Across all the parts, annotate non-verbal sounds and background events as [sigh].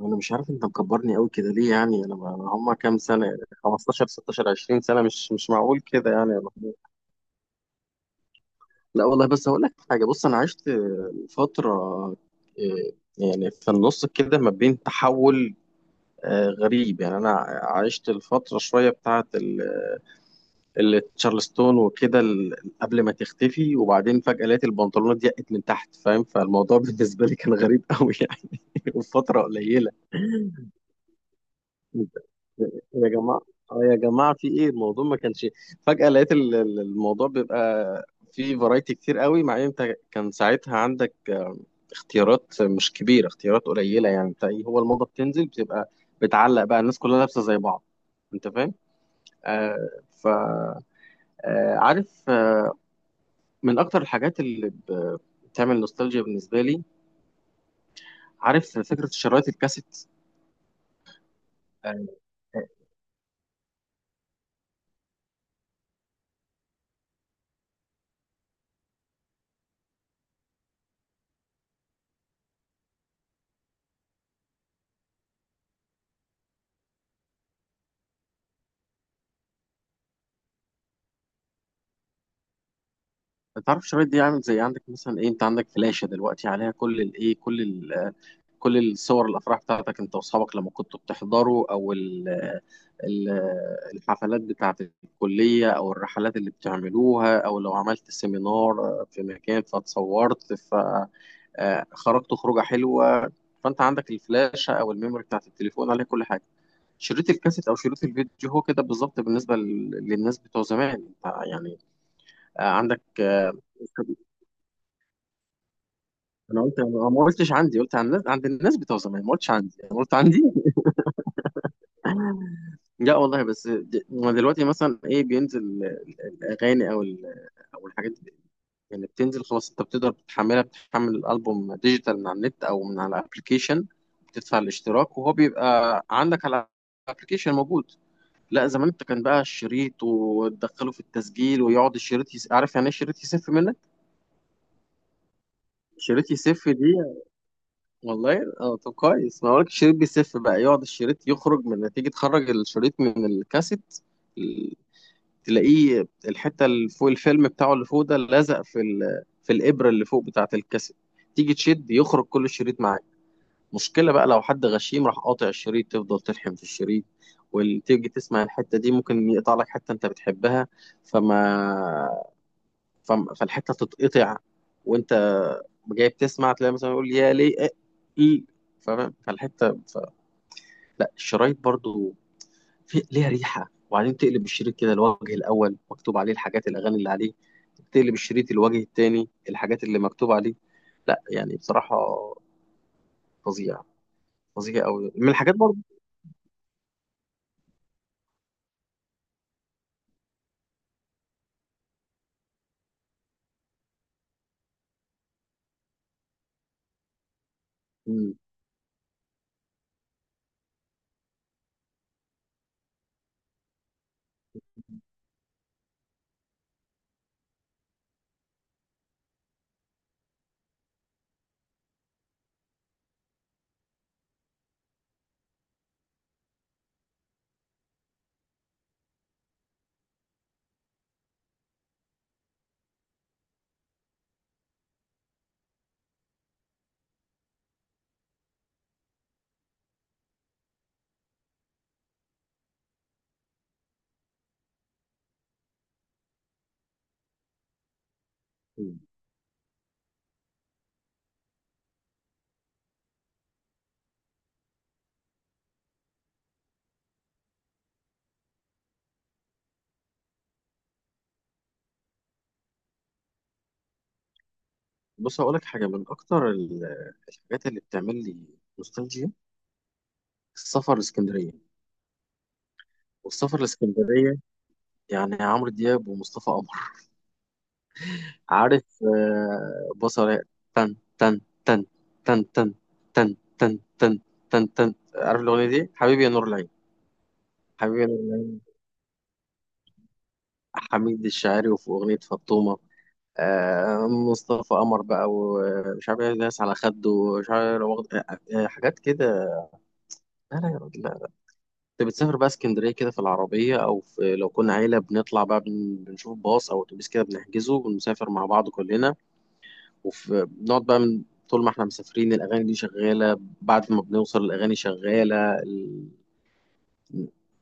انا مش عارف انت مكبرني قوي كده ليه يعني انا هم كام سنه يعني 15 16 20 سنه مش معقول كده يعني. لا والله بس هقول لك حاجه، بص انا عشت فتره، آه، يعني في النص كده ما بين تحول، غريب يعني. انا عشت الفتره شويه بتاعه تشارلستون وكده قبل ما تختفي، وبعدين فجاه لقيت البنطلونات ضيقت من تحت، فاهم؟ فالموضوع [laughs] بالنسبه لي كان غريب قوي يعني. [laughs] وفتره قليله يا جماعة، اه يا جماعة في ايه الموضوع؟ ما كانش فجأة لقيت الموضوع بيبقى فيه فرايتي كتير قوي، مع ان انت كان ساعتها عندك اختيارات مش كبيرة، اختيارات قليلة يعني. انت ايه هو الموضة بتنزل بتبقى بتعلق بقى الناس كلها لابسة زي بعض، انت فاهم؟ آه ف آه عارف آه، من اكتر الحاجات اللي بتعمل نوستالجيا بالنسبة لي، عارف فكرة شرايط الكاسيت؟ آه آه، تعرف الشرايط دي عامل زي عندك مثلا ايه، انت عندك فلاشة دلوقتي عليها كل الايه كل ال كل الصور، الافراح بتاعتك انت واصحابك لما كنتوا بتحضروا، او ال ال الحفلات بتاعت الكلية، او الرحلات اللي بتعملوها، او لو عملت سيمينار في مكان فاتصورت فخرجت خروجة حلوة. فانت عندك الفلاشة او الميموري بتاعت التليفون عليها كل حاجة. شريط الكاسيت او شريط الفيديو هو كده بالظبط بالنسبه للناس بتوع زمان، انت يعني عندك انا قلت انا ما قلتش عندي، قلت عن الناس، عند الناس بتوع زمان، ما قلتش عندي، انا قلت عندي. [laughs] لا والله بس ما دلوقتي مثلا ايه بينزل الاغاني او او الحاجات دي، يعني بتنزل خلاص، انت بتقدر تحملها، بتحمل الالبوم ديجيتال من على النت او من على الابلكيشن، بتدفع الاشتراك وهو بيبقى عندك على الابلكيشن موجود. لا زمان انت كان بقى الشريط وتدخله في التسجيل ويقعد الشريط يس... عارف يعني ايه شريط يسف منك؟ شريط يسف دي والله. اه طب كويس، ما هو لك الشريط بيسف بقى، يقعد الشريط يخرج من، تيجي تخرج الشريط من الكاسيت، ال- تلاقيه الحته اللي فوق الفيلم بتاعه اللي فوق ده لازق في ال... في الابره اللي فوق بتاعه الكاسيت، تيجي تشد يخرج كل الشريط معاك. مشكله بقى لو حد غشيم راح قاطع الشريط، تفضل تلحم في الشريط، وتيجي تسمع الحته دي ممكن يقطع لك حته انت بتحبها. فما فالحته تتقطع، وانت جاي بتسمع تلاقي مثلا يقول يا ليه إيه إيه. فاهم فالحته ف... لا الشرايط برضو في ليها ريحه. وبعدين تقلب الشريط كده، الوجه الاول مكتوب عليه الحاجات الاغاني اللي عليه، تقلب الشريط الوجه التاني الحاجات اللي مكتوب عليه. لا يعني بصراحه فظيع، فظيع قوي من الحاجات برضو. مم. مم. بص هقول لك حاجه، من اكتر الحاجات اللي بتعمل لي نوستالجيا، السفر لاسكندريه. والسفر لاسكندريه يعني عمرو دياب ومصطفى قمر، عارف بصرة، تن تن تن، تن تن، تن تن تن، تن تن، عارف الأغنية دي؟ حبيبي يا نور العين، حبيبي يا نور العين. حميد الشاعري، وفي أغنية فطومة، مصطفى قمر بقى، ومش عارف ايه ناس على خده، ومش عارف إيه، لو حاجات كده. لا يا راجل لا. انت بتسافر بقى اسكندريه كده في العربيه، او في لو كنا عيله بنطلع بقى، بنشوف باص او اتوبيس كده بنحجزه ونسافر مع بعض كلنا. وبنقعد بقى من، طول ما احنا مسافرين الأغاني دي شغالة، بعد ما بنوصل الأغاني شغالة ال...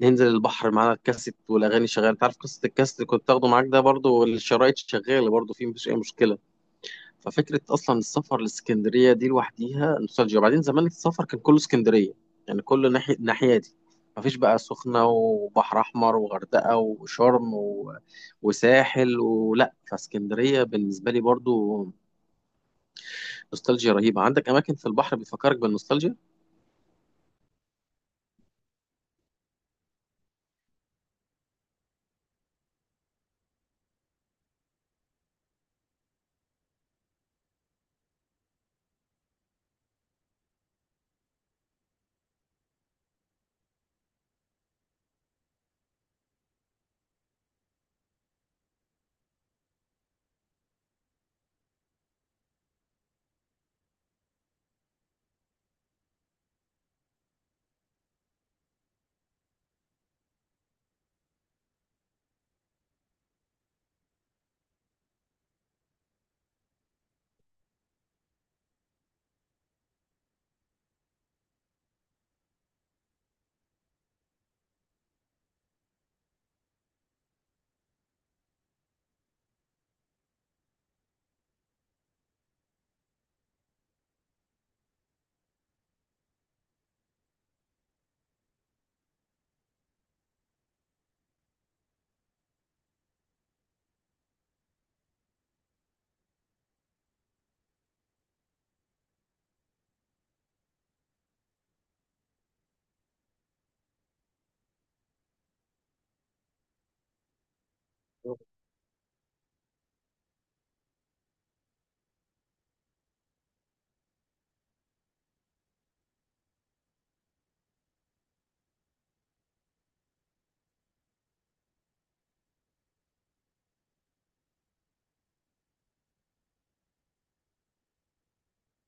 ننزل البحر معانا الكاسيت والأغاني شغالة. انت عارف قصة الكاسيت اللي كنت تاخده معاك ده، برضو الشرايط شغالة برضو، فيه مفيش أي مشكلة. ففكرة أصلا السفر لإسكندرية دي لوحديها نوستالجيا. وبعدين زمان السفر كان كله إسكندرية، يعني كله ناحية الناحية دي، مفيش بقى سخنة وبحر أحمر وغردقة وشرم و... وساحل ولا، فاسكندرية بالنسبة لي برضو نوستالجيا رهيبة. عندك أماكن في البحر بتفكرك بالنوستالجيا؟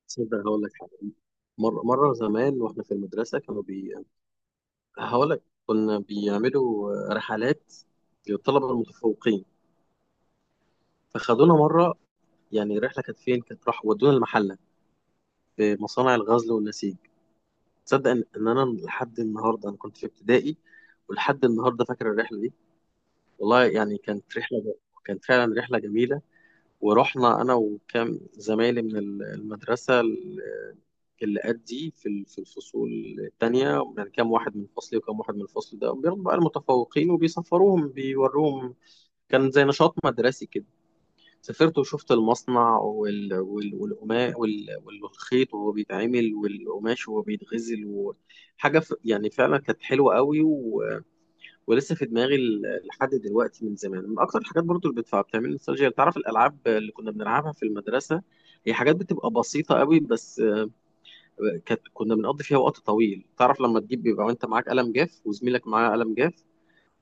تصدق هقول لك حاجة، مرة زمان وإحنا في المدرسة كانوا هقول لك كنا بيعملوا رحلات للطلبة المتفوقين، فخدونا مرة، يعني الرحلة كانت فين؟ كانت راح ودونا المحلة، في مصانع الغزل والنسيج. تصدق إن أنا لحد النهاردة، أنا كنت في ابتدائي، ولحد النهاردة فاكر الرحلة دي. والله يعني كانت رحلة، كانت فعلا رحلة جميلة. ورحنا انا وكام زمايلي من المدرسه اللي قد دي، في في الفصول التانية، يعني كام واحد من فصلي وكام واحد من الفصل ده بياخدوا بقى المتفوقين وبيسفروهم بيوروهم. كان زي نشاط مدرسي كده. سافرت وشفت المصنع وال... وال... والقماش وال... والخيط وهو بيتعمل، والقماش وهو بيتغزل، وحاجة ف... يعني فعلا كانت حلوة قوي. ولسه في دماغي لحد دلوقتي، من زمان، من اكتر الحاجات برضو اللي بتعمل لي نوستالجيا، تعرف الالعاب اللي كنا بنلعبها في المدرسه، هي حاجات بتبقى بسيطه قوي بس آه، كانت كنا بنقضي فيها وقت طويل. تعرف لما تجيب بيبقى وانت معاك قلم جاف وزميلك معاه قلم جاف،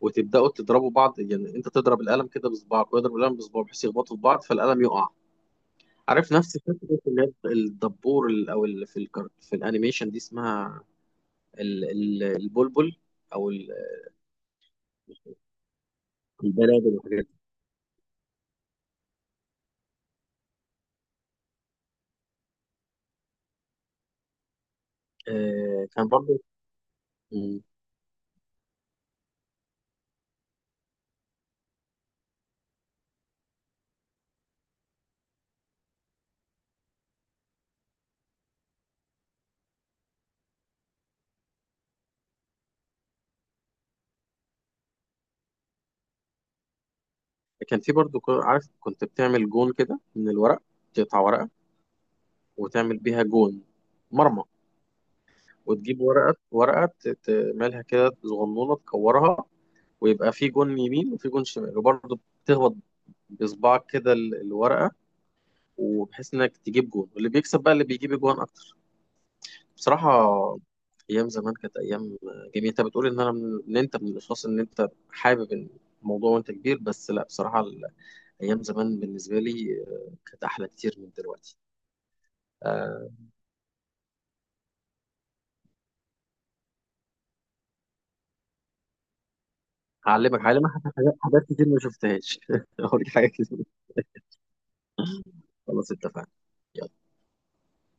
وتبداوا تضربوا بعض، يعني انت تضرب القلم كده بصباعك ويضرب القلم بصباعه، بحيث يخبطوا في بعض فالقلم يقع. عارف نفس فكره اللي هي الدبور في في الانيميشن دي، اسمها البلبل او ال- البلابل والحاجات دي. آه، كان برضه كان في برضو عارف كنت بتعمل جون كده من الورق، تقطع ورقة وتعمل بيها جون، مرمى، وتجيب ورقة تعملها كده صغنونة تكورها، ويبقى في جون يمين وفي جون شمال، وبرضو بتخبط بصباعك كده الورقة، وبحيث انك تجيب جون، واللي بيكسب بقى اللي بيجيب جون اكتر. بصراحة ايام زمان كانت ايام جميلة. انت بتقول ان انا من... ان انت من الاشخاص ان انت حابب الموضوع وانت كبير، بس لا بصراحة ايام زمان بالنسبه لي كانت احلى كتير من دلوقتي. أه هعلمك، هعلمك حاجات، حاجات كتير ما شفتهاش. [laughs] اوريك حاجات كتير. خلاص اتفقنا. يلا.